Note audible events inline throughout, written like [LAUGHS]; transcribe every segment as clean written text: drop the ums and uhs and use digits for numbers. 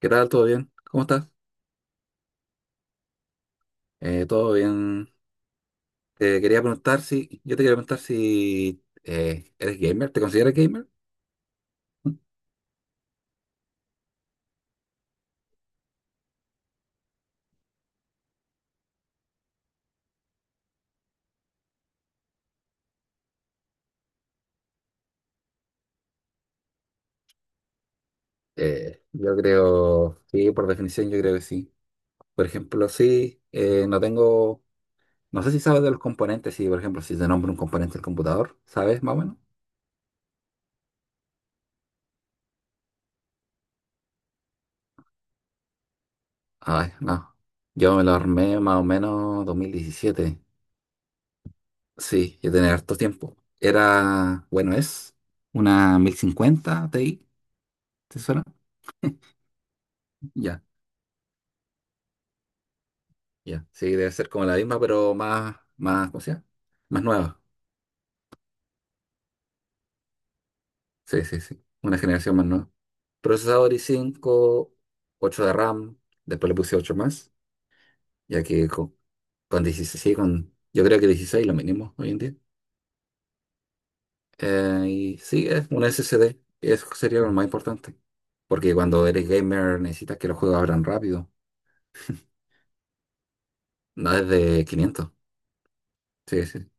¿Qué tal? ¿Todo bien? ¿Cómo estás? Todo bien. Te quería preguntar si, Yo te quería preguntar si eres gamer, ¿te consideras gamer? Mm. Yo creo, sí, por definición yo creo que sí. Por ejemplo, sí, no sé si sabes de los componentes, sí, por ejemplo, si te nombro un componente del computador, ¿sabes más o menos? Ay, no. Yo me lo armé más o menos 2017. Sí, yo tenía harto tiempo. Bueno, es una 1050 Ti, ¿te suena? Ya, ya. Sí, debe ser como la misma, pero más, ¿cómo se llama? Más nueva. Sí, sí, sí. Una generación más nueva. Procesador i5, 8 de RAM. Después le puse 8 más, ya que con 16, yo creo que 16 lo mínimo hoy en día. Y sí, es un SSD. Eso sería lo más importante. Porque cuando eres gamer necesitas que los juegos abran rápido. [LAUGHS] No es de 500. Sí, sí.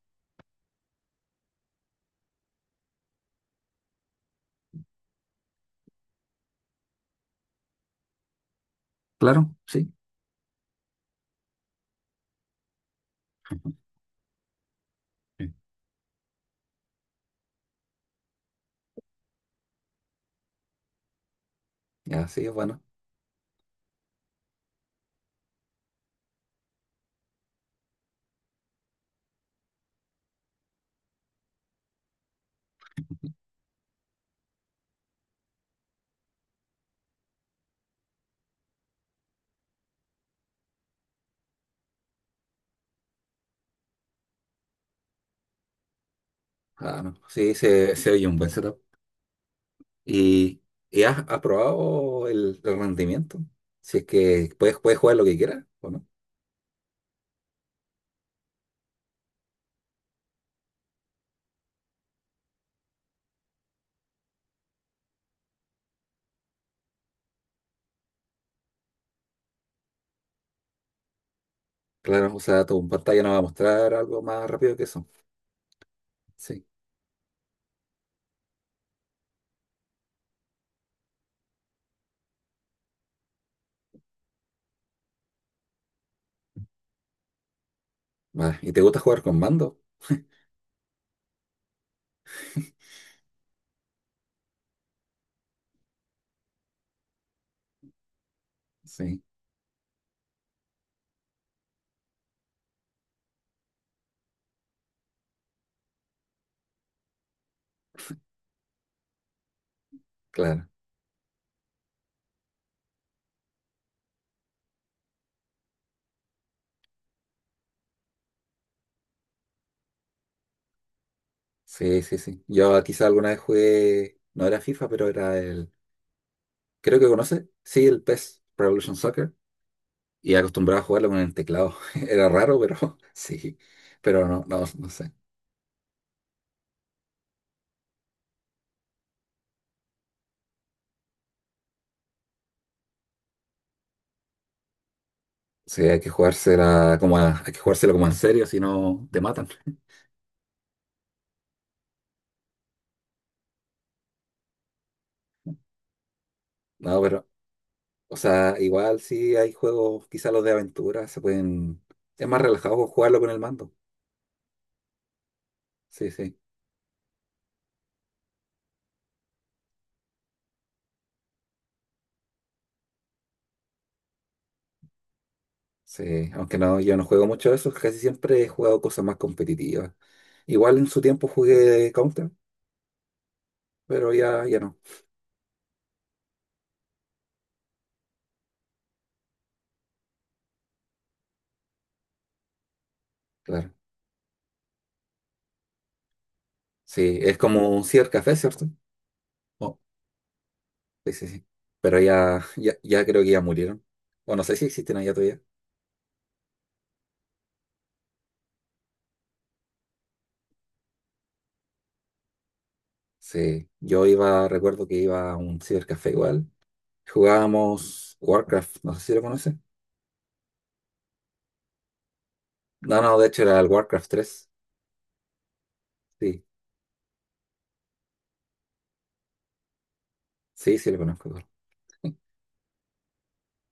Claro, sí. Sí. Ya, sí, es bueno. Ah, no. Sí, se oye un buen setup. ¿Y, y has aprobado el rendimiento? Si es que puedes jugar lo que quieras, ¿o no? Claro, o sea, tu pantalla no va a mostrar algo más rápido que eso. Sí. Va, ¿y te gusta jugar con mando? [LAUGHS] Sí, claro. Sí, sí, sí. Yo quizá alguna vez jugué, no era FIFA, pero era creo que conoce, sí, el PES, Pro Evolution Soccer, y acostumbrado a jugarlo con el teclado. [LAUGHS] Era raro, pero [LAUGHS] sí, pero no, no, no sé. Sí, hay que jugárselo como en serio, si no te matan. [LAUGHS] No, pero, o sea, igual sí hay juegos, quizá los de aventura, es más relajado jugarlo con el mando. Sí, sí. Sí, aunque no, yo no juego mucho de eso, casi siempre he jugado cosas más competitivas. Igual en su tiempo jugué Counter, pero ya, ya no, claro. Sí, es como un cibercafé, ¿cierto? Oh, sí, sí, sí. Pero ya, ya, ya creo que ya murieron. O no sé si existen allá todavía. Sí, recuerdo que iba a un cibercafé igual. Jugábamos Warcraft, no sé si lo conoces. No, no, de hecho era el Warcraft 3. Sí, sí, sí lo conozco. Claro.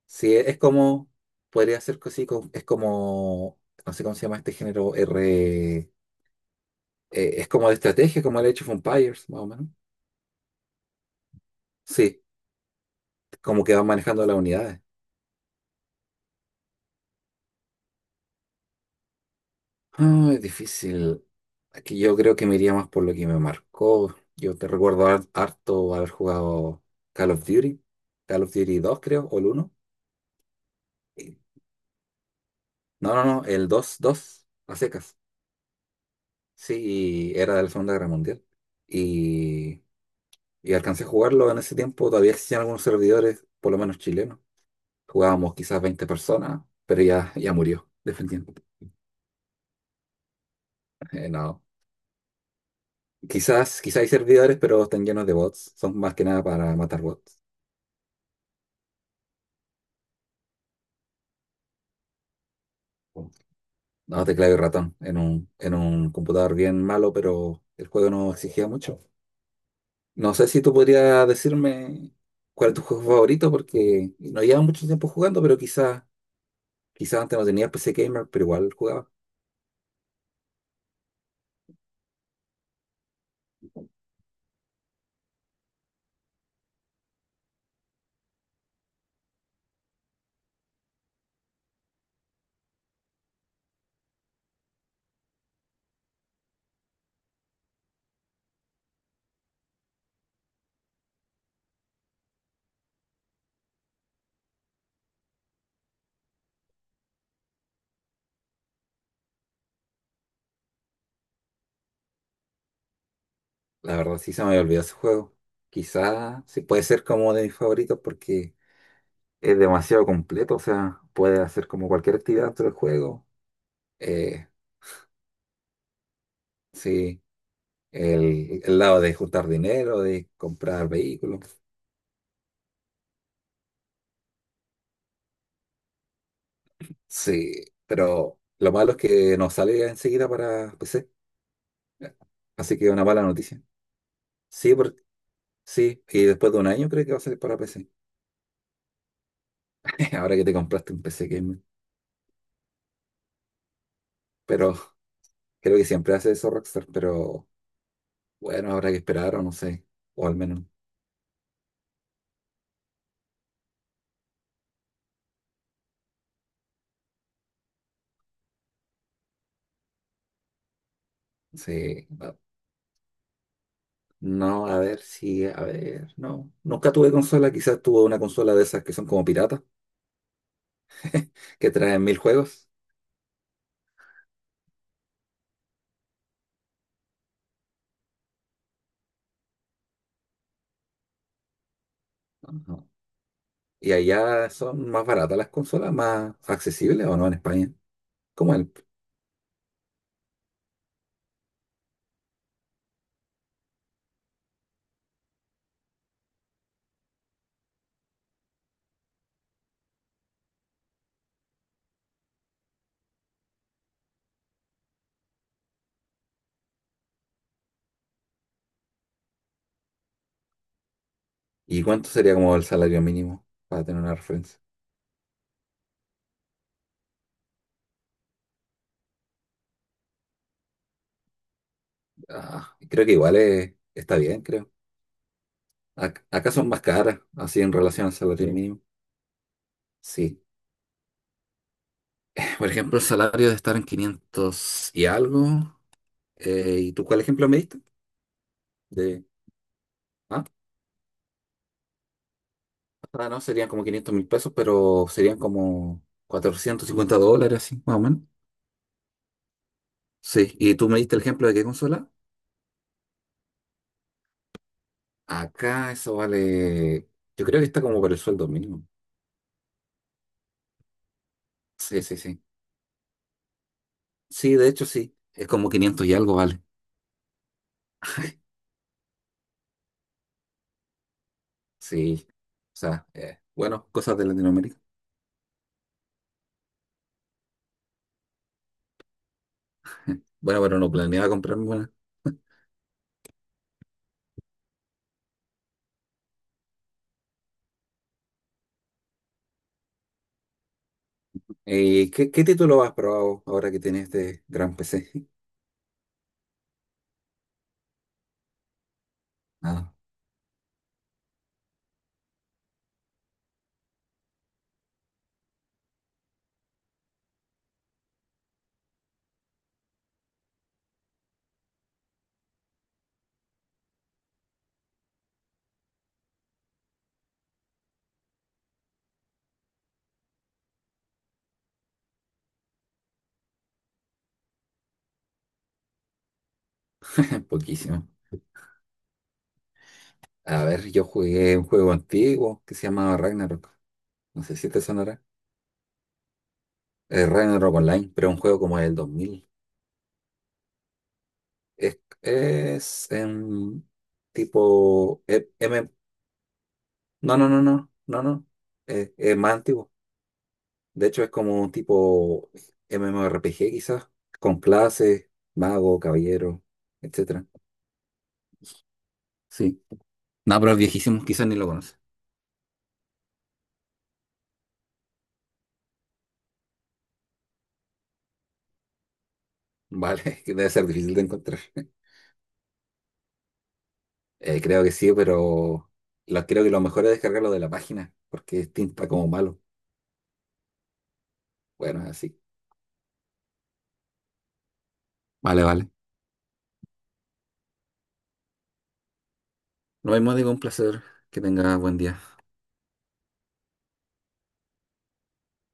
Sí, es como, podría ser así, no sé cómo se llama este género, es como de estrategia, como el Age of Empires, más o menos. Sí, como que van manejando las unidades. Ah, es difícil. Aquí yo creo que me iría más por lo que me marcó. Yo te recuerdo harto haber jugado Call of Duty, Call of Duty 2, creo, o el uno. Y- No, no, no, el 2, 2 a secas. Sí, y era de la Segunda Guerra Mundial. Y Y alcancé a jugarlo en ese tiempo, todavía existían algunos servidores, por lo menos chilenos. Jugábamos quizás 20 personas, pero ya, ya murió, definitivamente. No. Quizás hay servidores, pero están llenos de bots. Son más que nada para matar bots. No, teclado y ratón, en un computador bien malo, pero el juego no exigía mucho. No sé si tú podrías decirme cuál es tu juego favorito, porque no llevas mucho tiempo jugando, pero quizás antes no tenías PC Gamer, pero igual jugaba. La verdad sí se me había olvidado ese juego. Quizá sí puede ser como de mis favoritos porque es demasiado completo, o sea, puede hacer como cualquier actividad dentro del juego. Eh, sí, el lado de juntar dinero, de comprar vehículos. Sí, pero lo malo es que no sale enseguida para PC. Así que una mala noticia. Sí, sí, y después de un año creo que va a salir para PC. [LAUGHS] Ahora que te compraste un PC gamer. Pero creo que siempre hace eso Rockstar. Pero bueno, habrá que esperar o no sé, o al menos, sí, no, a ver si, a ver, no, nunca tuve consola, quizás tuve una consola de esas que son como piratas, que traen mil juegos. Ajá. Y allá son más baratas las consolas, más accesibles o no en España, como el, ¿y cuánto sería como el salario mínimo para tener una referencia? Ah, creo que igual está bien, creo. Acá son más caras, así en relación al salario, sí, mínimo, sí. [CLEARS THROAT] Por ejemplo, el salario de estar en 500 y algo. ¿Y tú cuál ejemplo me diste? De, ah, no, serían como 500.000 pesos, pero serían como 450 dólares, así, más o menos. Sí, ¿y tú me diste el ejemplo de qué consola? Acá eso vale, yo creo que está como por el sueldo mínimo. Sí, sí, sí. Sí, de hecho sí, es como quinientos y algo vale. Sí, o sea, bueno, cosas de Latinoamérica. Bueno, pero no planeaba comprarme una. ¿Qué título has probado ahora que tienes este gran PC? [LAUGHS] Nada, [LAUGHS] poquísimo. A ver, yo jugué un juego antiguo que se llamaba Ragnarok. No sé si te sonará. Ragnarok Online, pero un juego como el 2000. Es tipo... no, no, no, no, no, no. Es más antiguo. De hecho, es como un tipo MMORPG quizás, con clases, mago, caballero, etcétera. Sí. No, pero es viejísimo, quizás ni lo conoces. Vale, [LAUGHS] que debe ser difícil de encontrar. Creo que sí, pero creo que lo mejor es descargarlo de la página, porque es tinta como malo. Bueno, así. Vale, vale. Lo mismo digo, un placer. Que tengas buen día.